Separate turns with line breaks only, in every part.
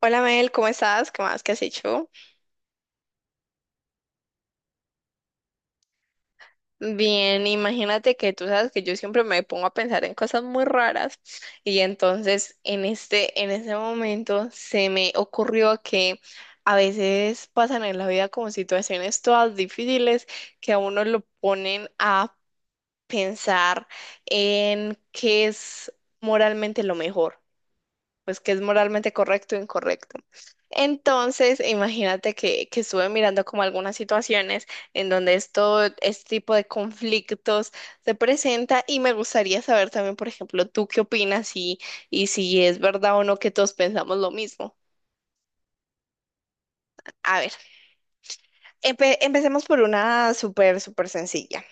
Hola Mel, ¿cómo estás? ¿Qué más? ¿Qué has hecho? Bien, imagínate que tú sabes que yo siempre me pongo a pensar en cosas muy raras y entonces en ese momento se me ocurrió que a veces pasan en la vida como situaciones todas difíciles que a uno lo ponen a pensar en qué es moralmente lo mejor, pues que es moralmente correcto o incorrecto. Entonces, imagínate que estuve mirando como algunas situaciones en donde este tipo de conflictos se presenta, y me gustaría saber también, por ejemplo, tú qué opinas, y si es verdad o no que todos pensamos lo mismo. A ver, empecemos por una súper, súper sencilla.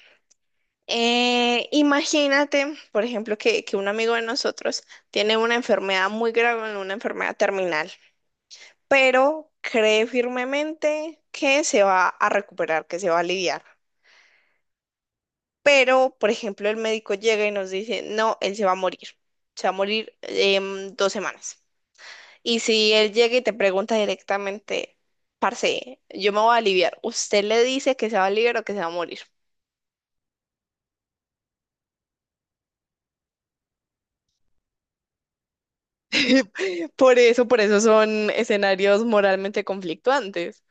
Imagínate, por ejemplo, que un amigo de nosotros tiene una enfermedad muy grave, una enfermedad terminal. Pero cree firmemente que se va a recuperar, que se va a aliviar. Pero, por ejemplo, el médico llega y nos dice, no, él se va a morir, se va a morir en 2 semanas. Y si él llega y te pregunta directamente, parce, yo me voy a aliviar, ¿usted le dice que se va a aliviar o que se va a morir? Por eso son escenarios moralmente conflictuantes.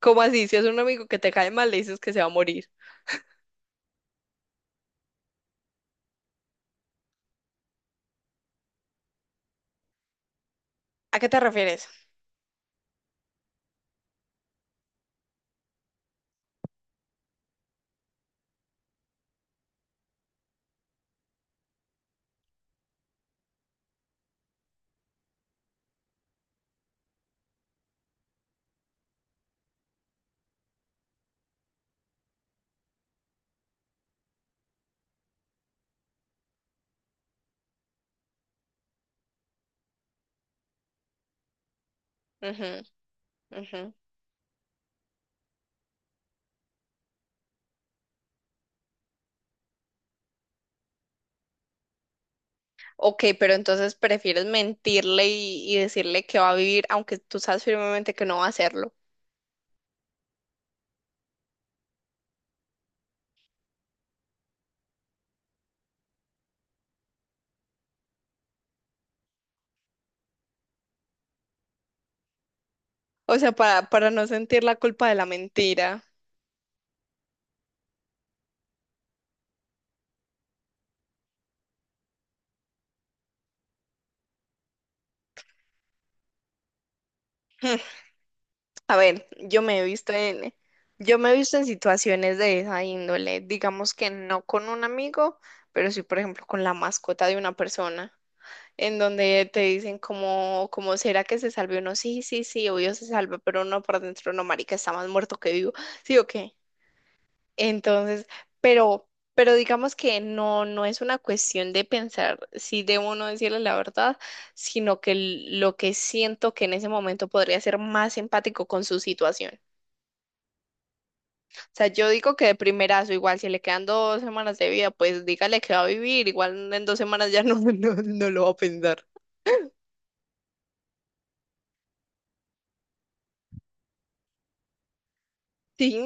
¿Cómo así? Si es un amigo que te cae mal, le dices que se va a morir. ¿A qué te refieres? Ujú, ujú. Ok, pero entonces prefieres mentirle y decirle que va a vivir, aunque tú sabes firmemente que no va a hacerlo. O sea, para no sentir la culpa de la mentira. Hmm, a ver, yo me he visto en situaciones de esa índole, digamos que no con un amigo, pero sí, por ejemplo, con la mascota de una persona, en donde te dicen como será que se salve uno, sí, sí, sí, obvio se salva, pero uno por dentro, no, marica, está más muerto que vivo, sí o qué. Entonces, pero, pero digamos que no es una cuestión de pensar si debo o no decirle la verdad, sino que lo que siento que en ese momento podría ser más empático con su situación. O sea, yo digo que de primerazo, igual si le quedan 2 semanas de vida, pues dígale que va a vivir, igual en 2 semanas ya no, no, no lo va a pensar. Sí,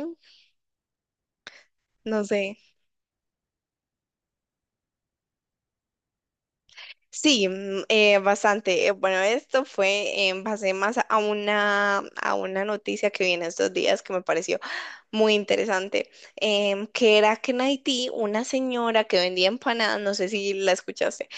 no sé. Sí, bastante. Bueno, esto fue en base más a una noticia que viene estos días que me pareció muy interesante, que era que en Haití una señora que vendía empanadas, no sé si la escuchaste.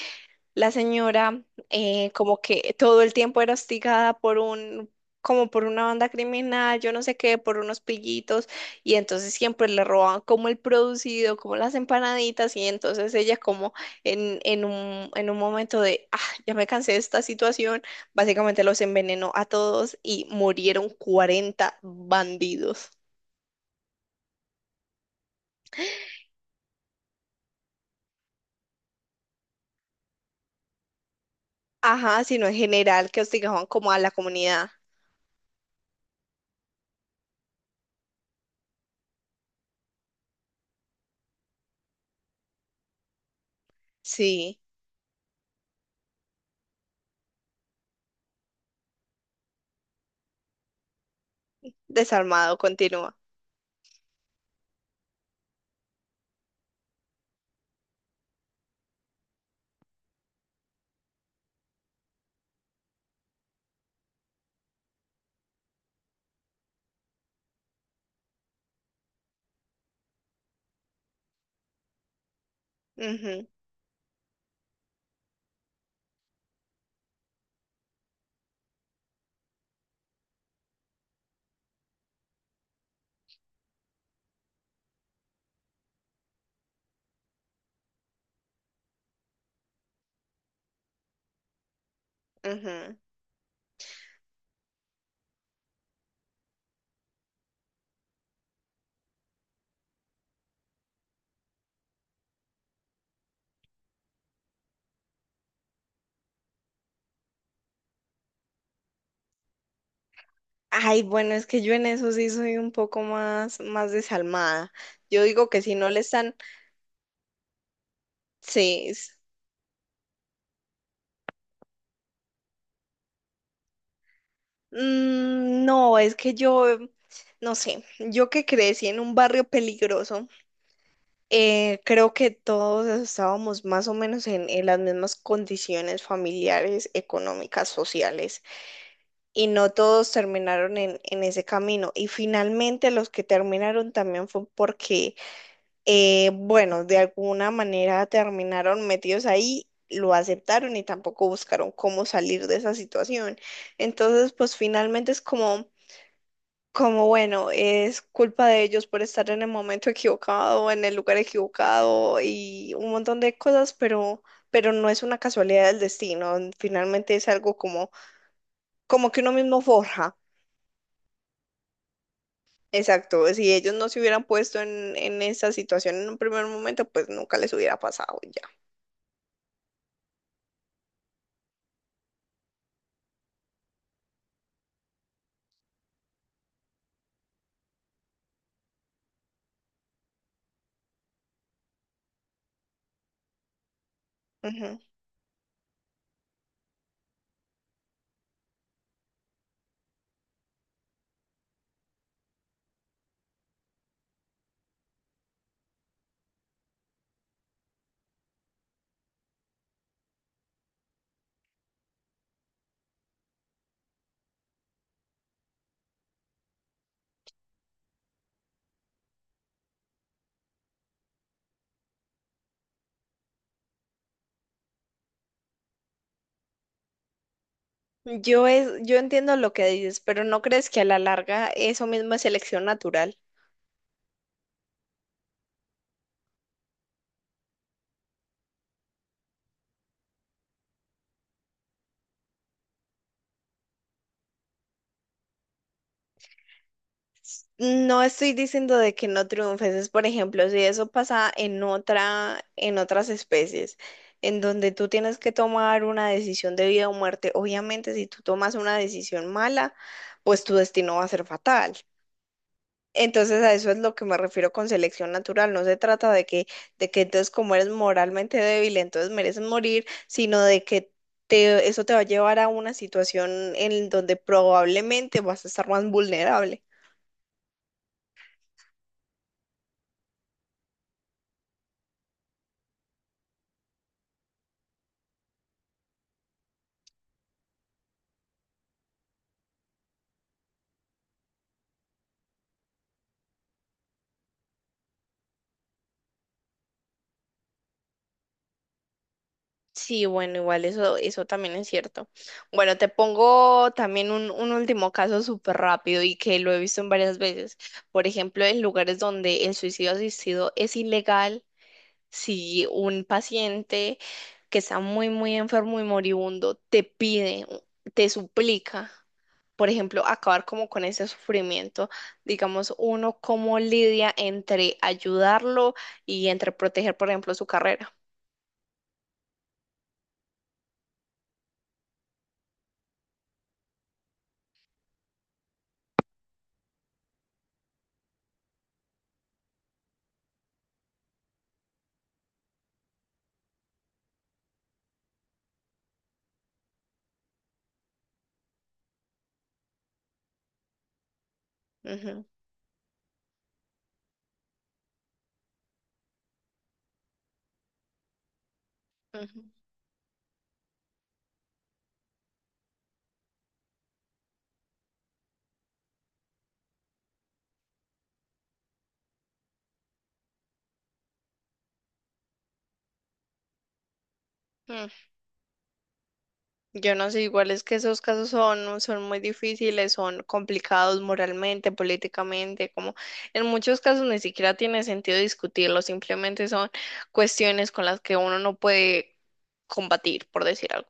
La señora, como que todo el tiempo era hostigada por un, como por una banda criminal, yo no sé qué, por unos pillitos, y entonces siempre le robaban como el producido, como las empanaditas, y entonces ella como en un momento de, ah, ya me cansé de esta situación, básicamente los envenenó a todos y murieron 40 bandidos. Ajá, sino en general que hostigaban como a la comunidad. Sí, desarmado, continúa. Ujú, ujú. Ay, bueno, es que yo en eso sí soy un poco más, más desalmada. Yo digo que si no le están, sí. Es... no, es que yo, no sé, yo que crecí en un barrio peligroso, creo que todos estábamos más o menos en las mismas condiciones familiares, económicas, sociales, y no todos terminaron en ese camino. Y finalmente los que terminaron también fue porque bueno, de alguna manera terminaron metidos ahí, lo aceptaron y tampoco buscaron cómo salir de esa situación. Entonces, pues finalmente es como, como bueno, es culpa de ellos por estar en el momento equivocado, en el lugar equivocado y un montón de cosas, pero no es una casualidad del destino. Finalmente es algo como, como que uno mismo forja. Exacto, si ellos no se hubieran puesto en esa situación en un primer momento, pues nunca les hubiera pasado y ya. Ujú. Yo entiendo lo que dices, pero ¿no crees que a la larga eso mismo es selección natural? No estoy diciendo de que no triunfes, es por ejemplo, si eso pasa en otra, en otras especies, en donde tú tienes que tomar una decisión de vida o muerte, obviamente si tú tomas una decisión mala, pues tu destino va a ser fatal. Entonces a eso es lo que me refiero con selección natural, no se trata de que entonces como eres moralmente débil, entonces mereces morir, sino de que eso te va a llevar a una situación en donde probablemente vas a estar más vulnerable. Sí, bueno, igual eso, eso también es cierto. Bueno, te pongo también un último caso súper rápido y que lo he visto en varias veces. Por ejemplo, en lugares donde el suicidio asistido es ilegal, si un paciente que está muy, muy enfermo y moribundo te pide, te suplica, por ejemplo, acabar como con ese sufrimiento, digamos, uno cómo lidia entre ayudarlo y entre proteger, por ejemplo, su carrera. Ujú, ujú, ujú. Yo no sé, igual es que esos casos son, son muy difíciles, son complicados moralmente, políticamente, como en muchos casos ni siquiera tiene sentido discutirlo, simplemente son cuestiones con las que uno no puede combatir, por decir algo.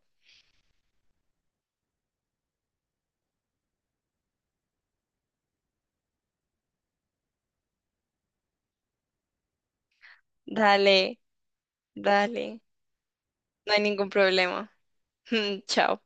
Dale, dale, no hay ningún problema. Chao.